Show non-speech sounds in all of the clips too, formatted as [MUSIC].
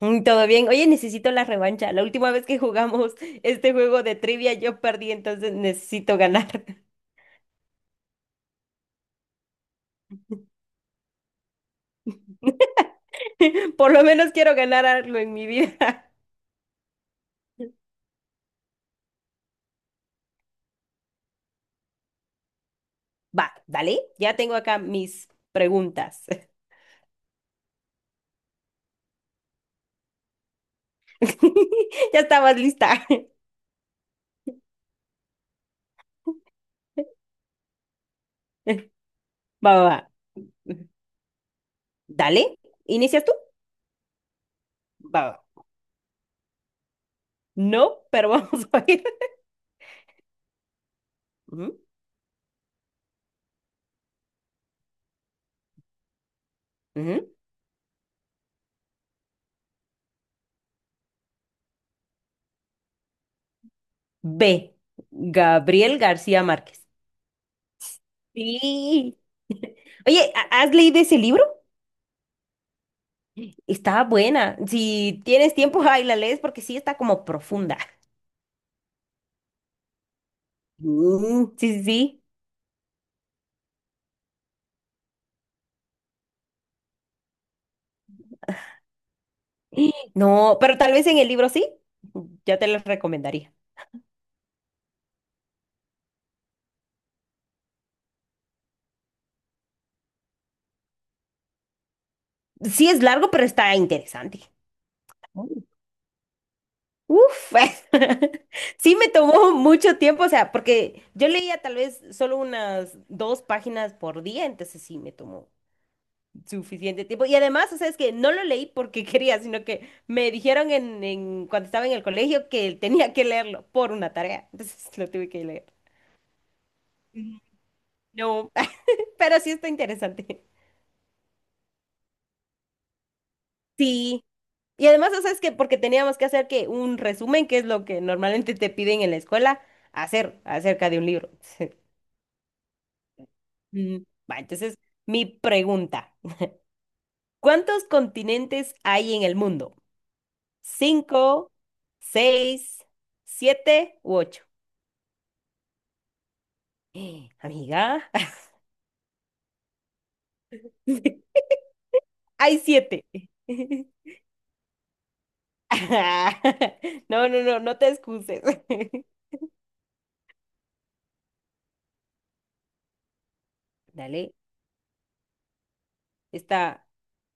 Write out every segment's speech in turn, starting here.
Todo bien. Oye, necesito la revancha. La última vez que jugamos [LAUGHS] este juego de trivia yo perdí, entonces necesito ganar. [LAUGHS] Por lo menos quiero ganar algo en mi vida. [LAUGHS] Va, dale. Ya tengo acá mis preguntas. [LAUGHS] Ya estabas lista. [LAUGHS] Va, va, va. Dale. ¿Inicias tú? Va, va. No, pero vamos [LAUGHS] a ir. Ujú, ujú. B. Gabriel García Márquez. Sí. [LAUGHS] Oye, ¿has leído ese libro? Está buena. Si tienes tiempo, [LAUGHS] ay la lees porque sí está como profunda. Sí, sí, sí. [GASPS] No, pero tal vez en el libro sí. Ya te lo recomendaría. Sí es largo, pero está interesante. Mm. Uf, [LAUGHS] sí me tomó mucho tiempo, o sea, porque yo leía tal vez solo unas dos páginas por día, entonces sí me tomó suficiente tiempo. Y además, o sea, es que no lo leí porque [LAUGHS] quería, sino que me dijeron cuando estaba en el colegio que tenía que leerlo por una tarea. Entonces [LAUGHS] lo tuve que leer. Mm. No, [LAUGHS] pero sí está interesante. Sí. Y además, o sea, es que porque teníamos que hacer que un resumen, que es lo que normalmente te piden en la escuela, hacer acerca de un libro. [LAUGHS] Mm, Va, entonces, mi pregunta, ¿cuántos continentes hay en el mundo? ¿Cinco, seis, siete u ocho? Amiga, [LAUGHS] hay siete. [LAUGHS] No, no, no, no te excuses. [LAUGHS] Dale, está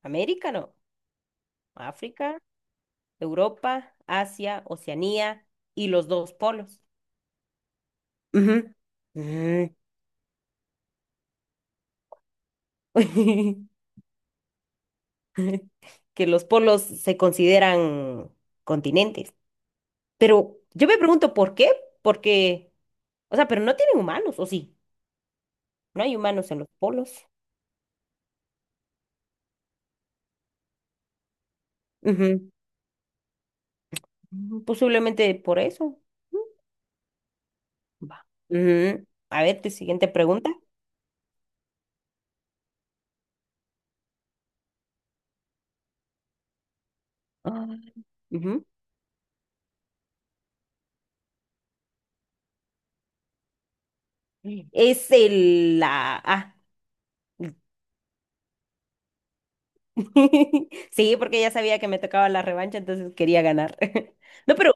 América, no, África, Europa, Asia, Oceanía y los dos polos. Ujú. Mm. [LAUGHS] Que los polos se consideran continentes. Pero yo me pregunto por qué, porque, o sea, pero no tienen humanos, ¿o sí? No hay humanos en los polos. Ujú, posiblemente por eso. Ujú, va. Ujú. A ver, tu siguiente pregunta. Ah. Ujú. Es el la ah. [LAUGHS] Sí, porque ya sabía que me tocaba la revancha, entonces quería ganar. [LAUGHS] No, pero,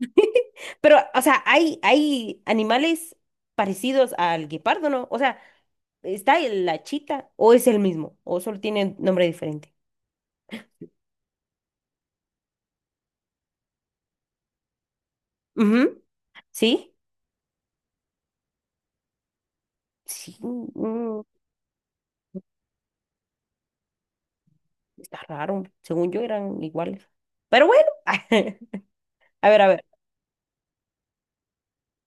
[LAUGHS] pero, o sea, hay animales parecidos al guepardo, ¿no? O sea, ¿está la chita o es el mismo? ¿O solo tiene nombre diferente? Ujú. ¿Sí? Sí, mm, está raro. Según yo eran iguales. Pero bueno. [LAUGHS] A ver,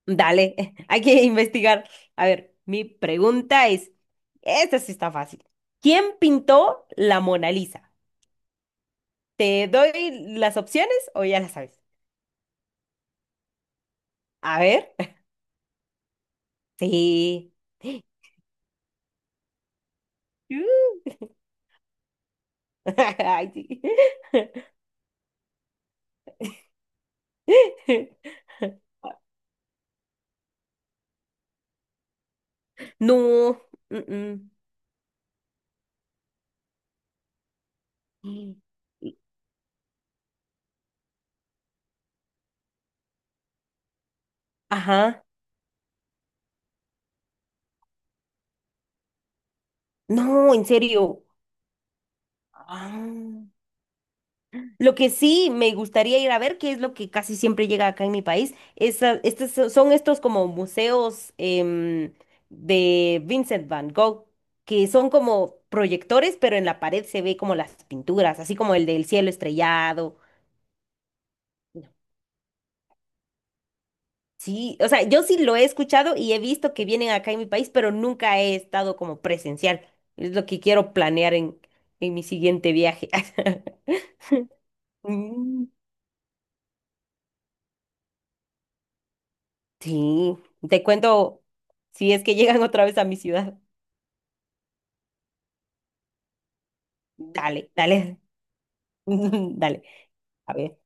dale, [LAUGHS] hay que investigar. A ver, mi pregunta es, esta sí está fácil. ¿Quién pintó la Mona Lisa? ¿Te doy las opciones o ya las sabes? A ver, sí. Uh, [LAUGHS] ay, sí. [LAUGHS] No. mm, mm. Ajá. No, en serio. Ah. Lo que sí me gustaría ir a ver, que es lo que casi siempre llega acá en mi país, es, son estos como museos de Vincent Van Gogh, que son como proyectores, pero en la pared se ve como las pinturas, así como el del cielo estrellado. Sí, o sea, yo sí lo he escuchado y he visto que vienen acá en mi país, pero nunca he estado como presencial. Es lo que quiero planear en mi siguiente viaje. [LAUGHS] Mm. Sí, te cuento si es que llegan otra vez a mi ciudad. Dale, dale, [LAUGHS] dale. A ver.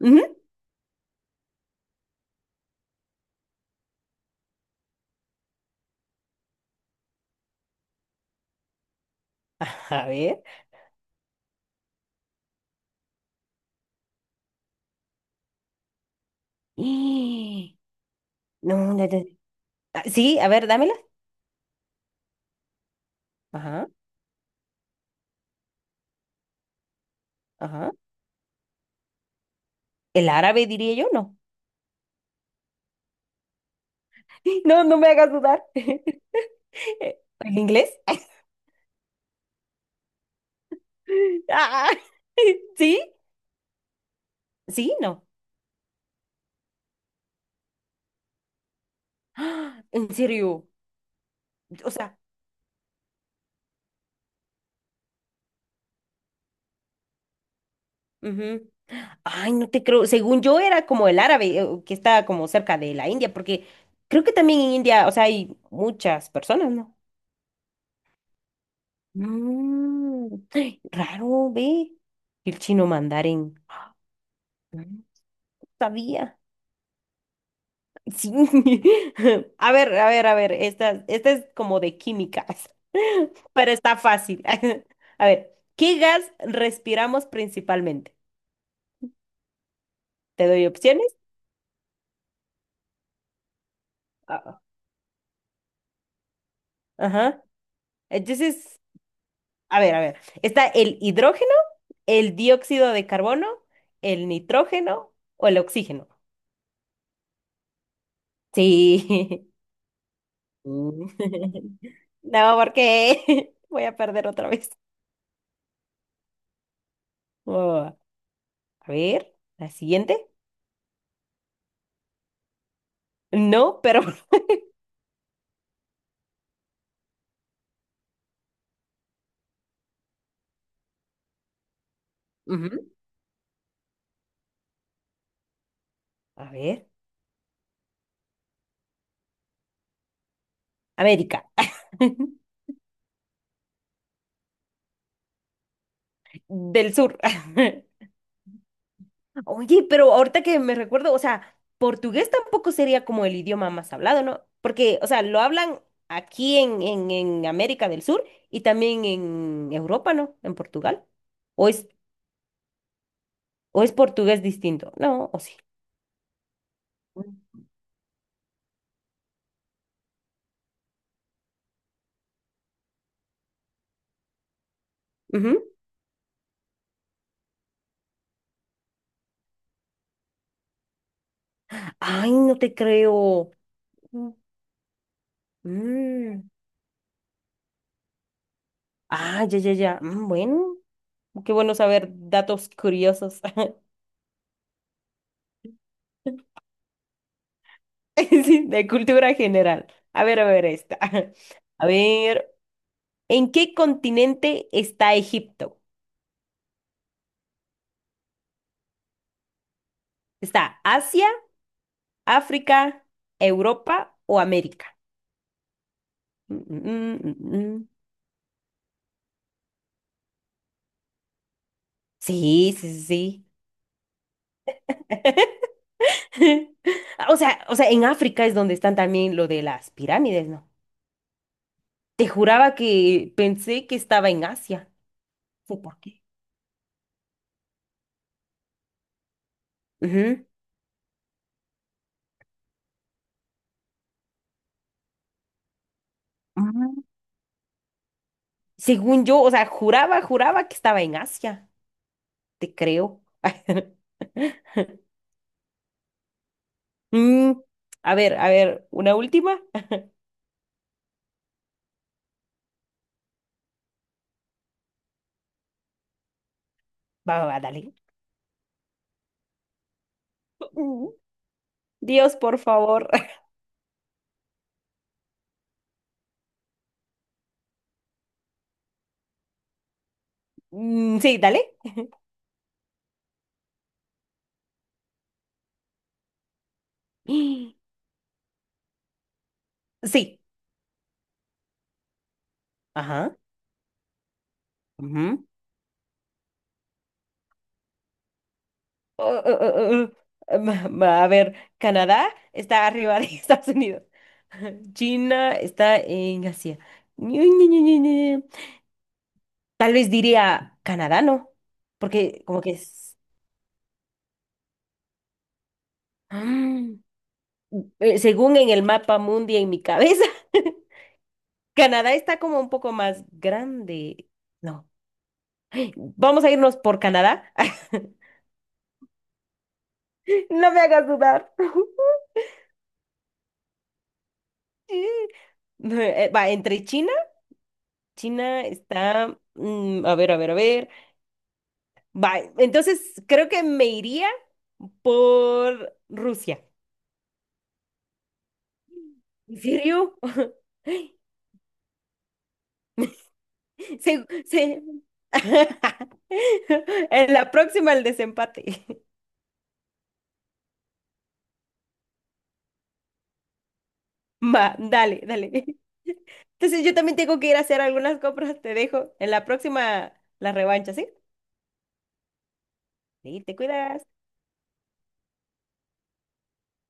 Ujú, a ver. Y- No, no, no. Sí, a ver, dámela. Ajá, ajá. El árabe diría yo, no. [LAUGHS] No, no me hagas dudar. [LAUGHS] ¿El inglés? [LAUGHS] Ah, [LAUGHS] ¿sí? Sí, no. [GASPS] Ah, ¿en serio? O sea, ujú. Ay, no te creo. Según yo era como el árabe, que está como cerca de la India, porque creo que también en India, o sea, hay muchas personas, ¿no? Mm, ay, raro, ve. El chino mandarín. No sabía. Sí. [LAUGHS] A ver, a ver, a ver. Esta es como de químicas, [LAUGHS] pero está fácil. [LAUGHS] A ver, ¿qué gas respiramos principalmente? ¿Te doy opciones? Ah, ajá. Entonces, a ver, a ver. Está el hidrógeno, el dióxido de carbono, el nitrógeno o el oxígeno. Sí. [LAUGHS] Mm. [LAUGHS] No, porque [LAUGHS] voy a perder otra vez. Oh, a ver, la siguiente. No, pero... [LAUGHS] Ujú. A ver, América [LAUGHS] del Sur. [LAUGHS] Oye, pero ahorita que me recuerdo, o sea, portugués tampoco sería como el idioma más hablado, ¿no? Porque, o sea, lo hablan aquí en América del Sur y también en Europa, ¿no? En Portugal. ¿O es, o es portugués distinto? No, o sí. Ujú. Ay, no te creo. Mm. Mm. Ah, ya, ya, ya. Mm, bueno, qué bueno saber datos curiosos. [LAUGHS] Sí, de cultura general. A ver, esta. [LAUGHS] A ver. ¿En qué continente está Egipto? ¿Está Asia, África, Europa o América? Mm, mm, mm, mm. Sí, sí, sí. Sí. [LAUGHS] O sea, en África es donde están también lo de las pirámides, ¿no? Te juraba que pensé que estaba en Asia. No sé por qué. Ujú. Ah, según yo, o sea, juraba, juraba que estaba en Asia. Te creo. [LAUGHS] Mm, a ver, una última. Va, va, va, dale. [LAUGHS] Dios, por favor. [LAUGHS] Sí, dale. Sí. Ajá. Ujú. Uh, uh, uh, uh, um, [LAUGHS] a ver, Canadá está arriba de [LAUGHS] Estados Unidos. China está en Asia. Ñu, Ñu, Ñu, Ñu, Ñu. Tal vez diría Canadá, ¿no? Porque como que es... Mm. Según en el mapa mundi en mi cabeza, [LAUGHS] Canadá está como un poco más grande. No. Vamos a irnos por Canadá. [LAUGHS] No me hagas dudar. [LAUGHS] Mm. Va, entre China, China está, mm, a ver, a ver, a ver. Va, entonces creo que me iría por Rusia. ¿En serio? [LAUGHS] Se, se- [LAUGHS] En la próxima el desempate. [LAUGHS] Va, dale, dale. Entonces yo también tengo que ir a hacer algunas compras, te dejo. En la próxima la revancha, ¿sí? Sí, te cuidas.